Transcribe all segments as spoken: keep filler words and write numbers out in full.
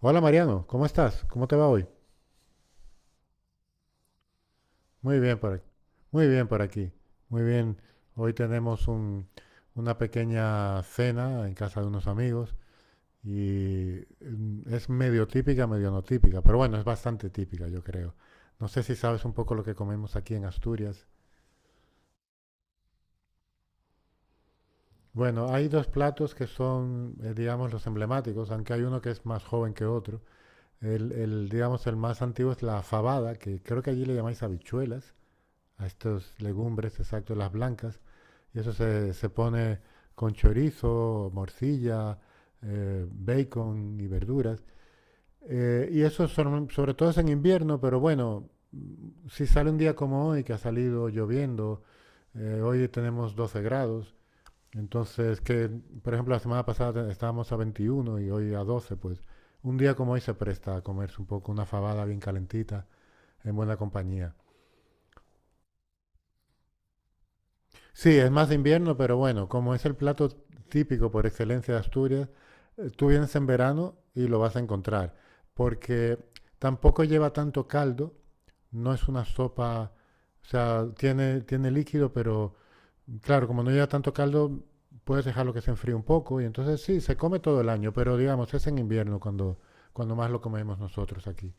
Hola Mariano, ¿cómo estás? ¿Cómo te va hoy? Muy bien por aquí. Muy bien por aquí. Muy bien. Hoy tenemos un- una pequeña cena en casa de unos amigos y mm, es medio típica, medio no típica, pero bueno, es bastante típica, yo creo. No sé si sabes un poco lo que comemos aquí en Asturias. Bueno, hay dos platos que son, eh, digamos, los emblemáticos, aunque hay uno que es más joven que otro. El, el, digamos, el más antiguo es la fabada, que creo que allí le llamáis habichuelas a estas legumbres, exacto, las blancas, y eso se, se pone con chorizo, morcilla, eh, bacon y verduras. Eh, y eso son- sobre todo es en invierno, pero bueno, si sale un día como hoy, que ha salido lloviendo, eh, hoy tenemos doce grados, entonces que, por ejemplo, la semana pasada estábamos a veintiuno y hoy a doce pues un día como hoy se presta a comerse un poco una fabada bien calentita, en buena compañía. Sí, es más de invierno, pero bueno, como es el plato típico por excelencia de Asturias, eh, tú vienes en verano y lo vas a encontrar, porque tampoco lleva tanto caldo, no es una sopa, o sea, tiene, tiene líquido, pero claro, como no lleva tanto caldo, puedes dejarlo que se enfríe un poco y entonces sí, se come todo el año, pero digamos, es en invierno cuando, cuando más lo comemos nosotros aquí.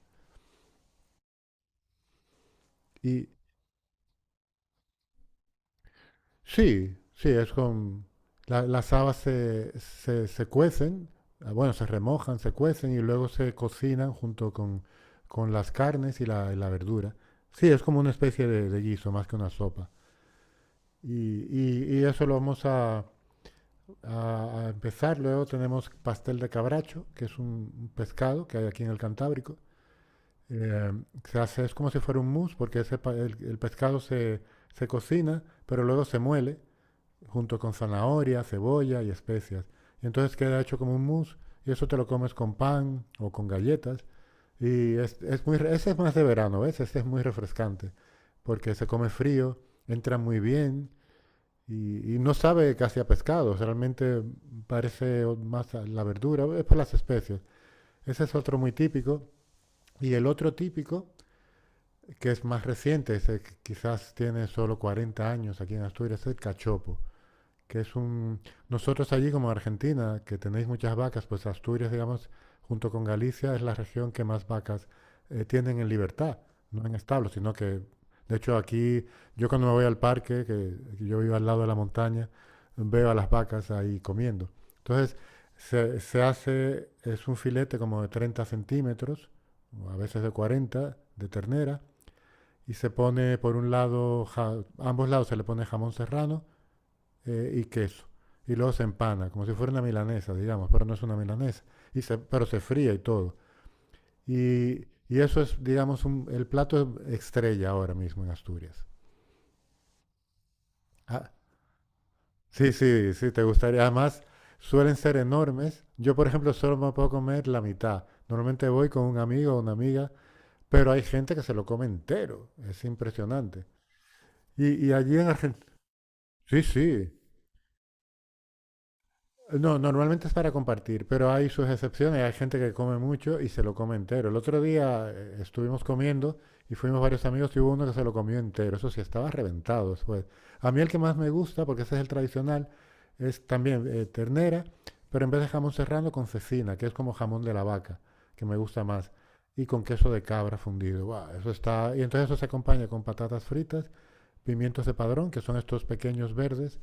Sí, sí, es con... la- las habas se, se, se cuecen, ah, bueno, se remojan, se cuecen y luego se cocinan junto con, con las carnes y la, y la verdura. Sí, es como una especie de, de guiso, más que una sopa. Y, y- y eso lo vamos a, a- a empezar. Luego tenemos pastel de cabracho, que es un, un pescado que hay aquí en el Cantábrico. Eh, Se hace, es como si fuera un mousse, porque ese pa- el, el pescado se, se cocina, pero luego se muele junto con zanahoria, cebolla y especias. Y entonces queda hecho como un mousse y eso te lo comes con pan o con galletas. Y es, es muy, ese es más de verano, ¿ves? Ese es muy refrescante porque se come frío, entra muy bien y, y no sabe casi a pescado. Realmente parece más a la verdura, es por las especies. Ese es otro muy típico. Y el otro típico, que es más reciente, ese que quizás tiene solo cuarenta años aquí en Asturias, es el cachopo que es un... Nosotros allí como Argentina, que tenéis muchas vacas, pues Asturias, digamos, junto con Galicia, es la región que más vacas eh, tienen en libertad, no en establos, sino que, de hecho, aquí, yo cuando me voy al parque, que que yo vivo al lado de la montaña, veo a las vacas ahí comiendo. Entonces, se, se hace, es un filete como de treinta centímetros, o a veces de cuarenta de ternera, y se pone por un lado, ja- a ambos lados se le pone jamón serrano, eh, y queso. Y luego se empana, como si fuera una milanesa, digamos, pero no es una milanesa. Y se, pero se fría y todo. Y, y eso es, digamos, un- el plato estrella ahora mismo en Asturias. Ah, sí, sí, sí, te gustaría. Además, suelen ser enormes. Yo, por ejemplo, solo me puedo comer la mitad. Normalmente voy con un amigo o una amiga, pero hay gente que se lo come entero. Es impresionante. Y, y allí en Argentina... Sí, sí. No, normalmente es para compartir, pero hay sus excepciones. Hay gente que come mucho y se lo come entero. El otro día eh, estuvimos comiendo y fuimos varios amigos y hubo uno que se lo comió entero. Eso sí, estaba reventado después. A mí el que más me gusta, porque ese es el tradicional, es también eh, ternera, pero en vez de jamón serrano con cecina, que es como jamón de la vaca, que me gusta más, y con queso de cabra fundido. ¡Guau! Eso está. Y entonces eso se acompaña con patatas fritas, pimientos de padrón, que son estos pequeños verdes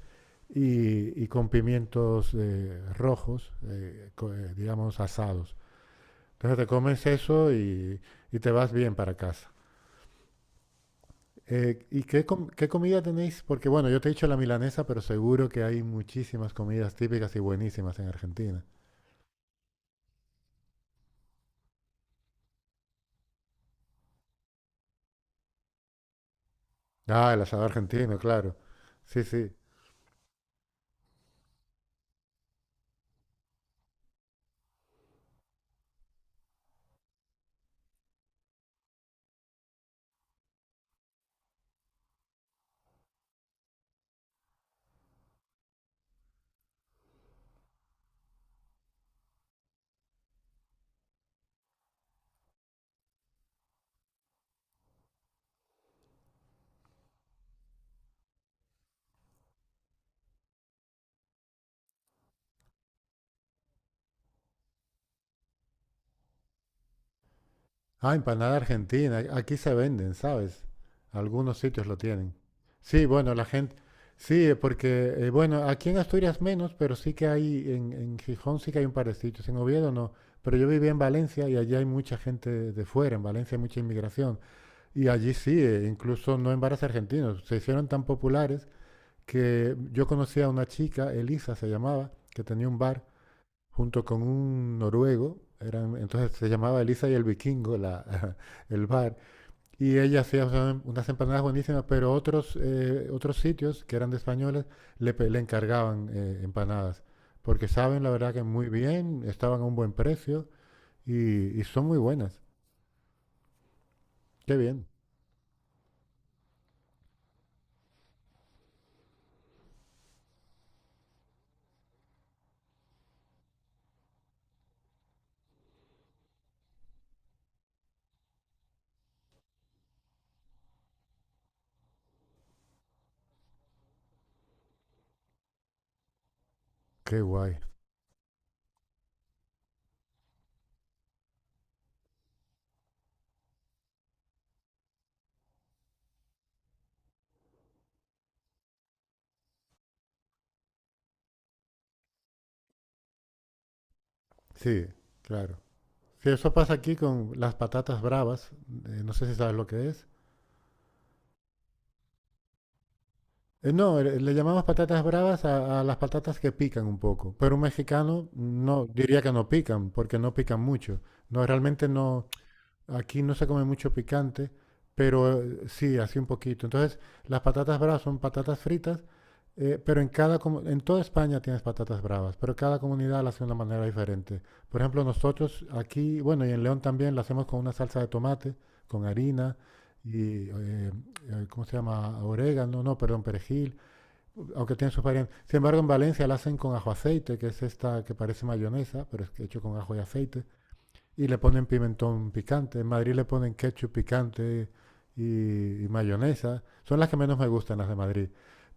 y, y con pimientos eh, rojos, eh, eh, digamos asados. Entonces te comes eso y, y te vas bien para casa. Eh, ¿y qué, com- qué comida tenéis? Porque bueno, yo te he dicho la milanesa, pero seguro que hay muchísimas comidas típicas y buenísimas en Argentina. Ah, el asado argentino, claro. Sí, sí. Ah, empanada argentina. Aquí se venden, ¿sabes? Algunos sitios lo tienen. Sí, bueno, la gente. Sí, eh, porque, eh, bueno, aquí en Asturias menos, pero sí que hay, en, en Gijón sí que hay un par de sitios. En Oviedo no. Pero yo vivía en Valencia y allí hay mucha gente de fuera. En Valencia hay mucha inmigración. Y allí sí, eh, incluso no en bares argentinos. Se hicieron tan populares que yo conocí a una chica, Elisa se llamaba, que tenía un bar junto con un noruego, eran, entonces se llamaba Elisa y el Vikingo, la- el bar, y ella hacía unas- empanadas buenísimas, pero otros, eh, otros sitios que eran de españoles le, pe- le encargaban eh, empanadas, porque saben la verdad que muy bien, estaban a un buen precio y, y son muy buenas. Qué bien, qué guay. Sí, claro. Sí, eso pasa aquí con las patatas bravas, eh, no sé si sabes lo que es. Eh, No, eh, le llamamos patatas bravas a, a las patatas que pican un poco, pero un mexicano no diría que no pican, porque no pican mucho. No, realmente no, aquí no se come mucho picante, pero eh, sí, así un poquito. Entonces, las patatas bravas son patatas fritas, eh, pero en cada, comu- en toda España tienes patatas bravas, pero cada comunidad las hace de una manera diferente. Por ejemplo, nosotros aquí, bueno, y en León también las hacemos con una salsa de tomate, con harina y, eh, eh, ¿cómo se llama? Orégano, no, perdón, perejil, aunque tiene sus variantes. Sin embargo, en Valencia la hacen con ajo aceite, que es esta que parece mayonesa, pero es hecho con ajo y aceite. Y le ponen pimentón picante. En Madrid le ponen ketchup picante y, y mayonesa. Son las que menos me gustan, las de Madrid.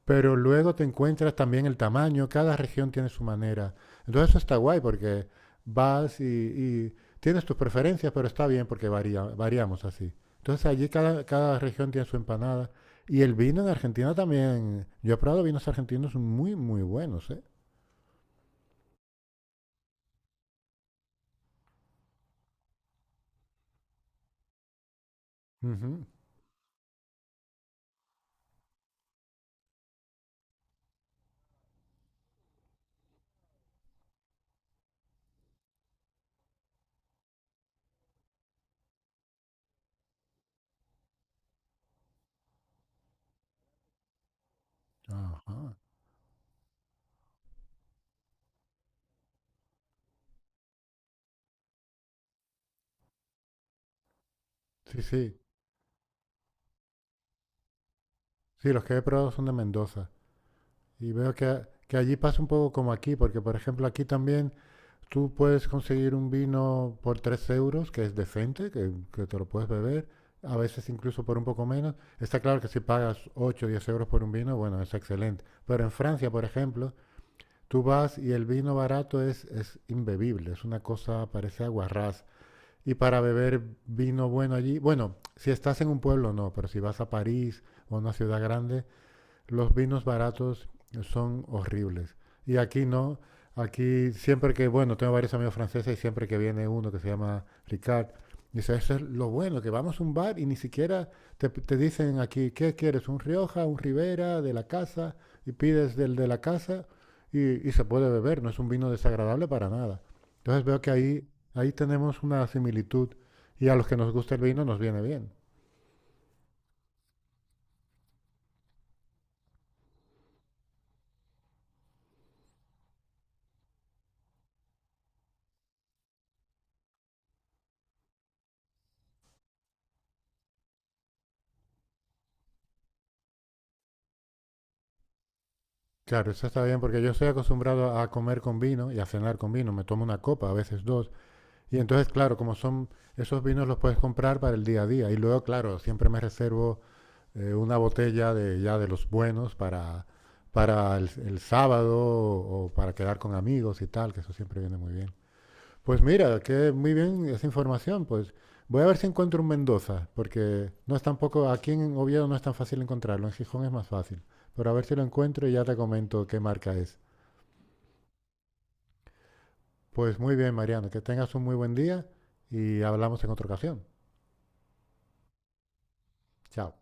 Pero luego te encuentras también el tamaño. Cada región tiene su manera. Entonces eso está guay porque vas y, y tienes tus preferencias, pero está bien porque varía, variamos así. Entonces allí cada, cada región tiene su empanada. Y el vino en Argentina también. Yo he probado vinos argentinos muy, muy buenos, ¿eh? Ujú. Ajá. Sí, sí. Sí, los que he probado son de Mendoza. Y veo que, que allí pasa un poco como aquí, porque por ejemplo aquí también tú puedes conseguir un vino por tres euros, que es decente, que, que te lo puedes beber, a veces incluso por un poco menos. Está claro que si pagas ocho o diez euros por un vino, bueno, es excelente. Pero en Francia, por ejemplo, tú vas y el vino barato es, es imbebible, es una cosa, parece aguarrás. Y para beber vino bueno allí, bueno, si estás en un pueblo no, pero si vas a París o a una ciudad grande, los vinos baratos son horribles. Y aquí no, aquí siempre que, bueno, tengo varios amigos franceses y siempre que viene uno que se llama Ricard, dice, eso es lo bueno, que vamos a un bar y ni siquiera te, te dicen aquí, ¿qué quieres? ¿Un Rioja, un Ribera, de la casa? Y pides del de la casa y, y se puede beber, no es un vino desagradable para nada. Entonces veo que ahí, ahí tenemos una similitud y a los que nos gusta el vino nos viene bien. Claro, eso está bien porque yo estoy acostumbrado a comer con vino y a cenar con vino. Me tomo una copa, a veces dos. Y entonces, claro, como son esos vinos los puedes comprar para el día a día. Y luego, claro, siempre me reservo eh, una botella de ya de los buenos para, para el, el sábado o, o para quedar con amigos y tal, que eso siempre viene muy bien. Pues mira, que muy bien esa información. Pues voy a ver si encuentro un Mendoza, porque no es tampoco, aquí en Oviedo no es tan fácil encontrarlo, en Gijón es más fácil. Pero a ver si lo encuentro y ya te comento qué marca es. Pues muy bien, Mariano, que tengas un muy buen día y hablamos en otra ocasión. Chao.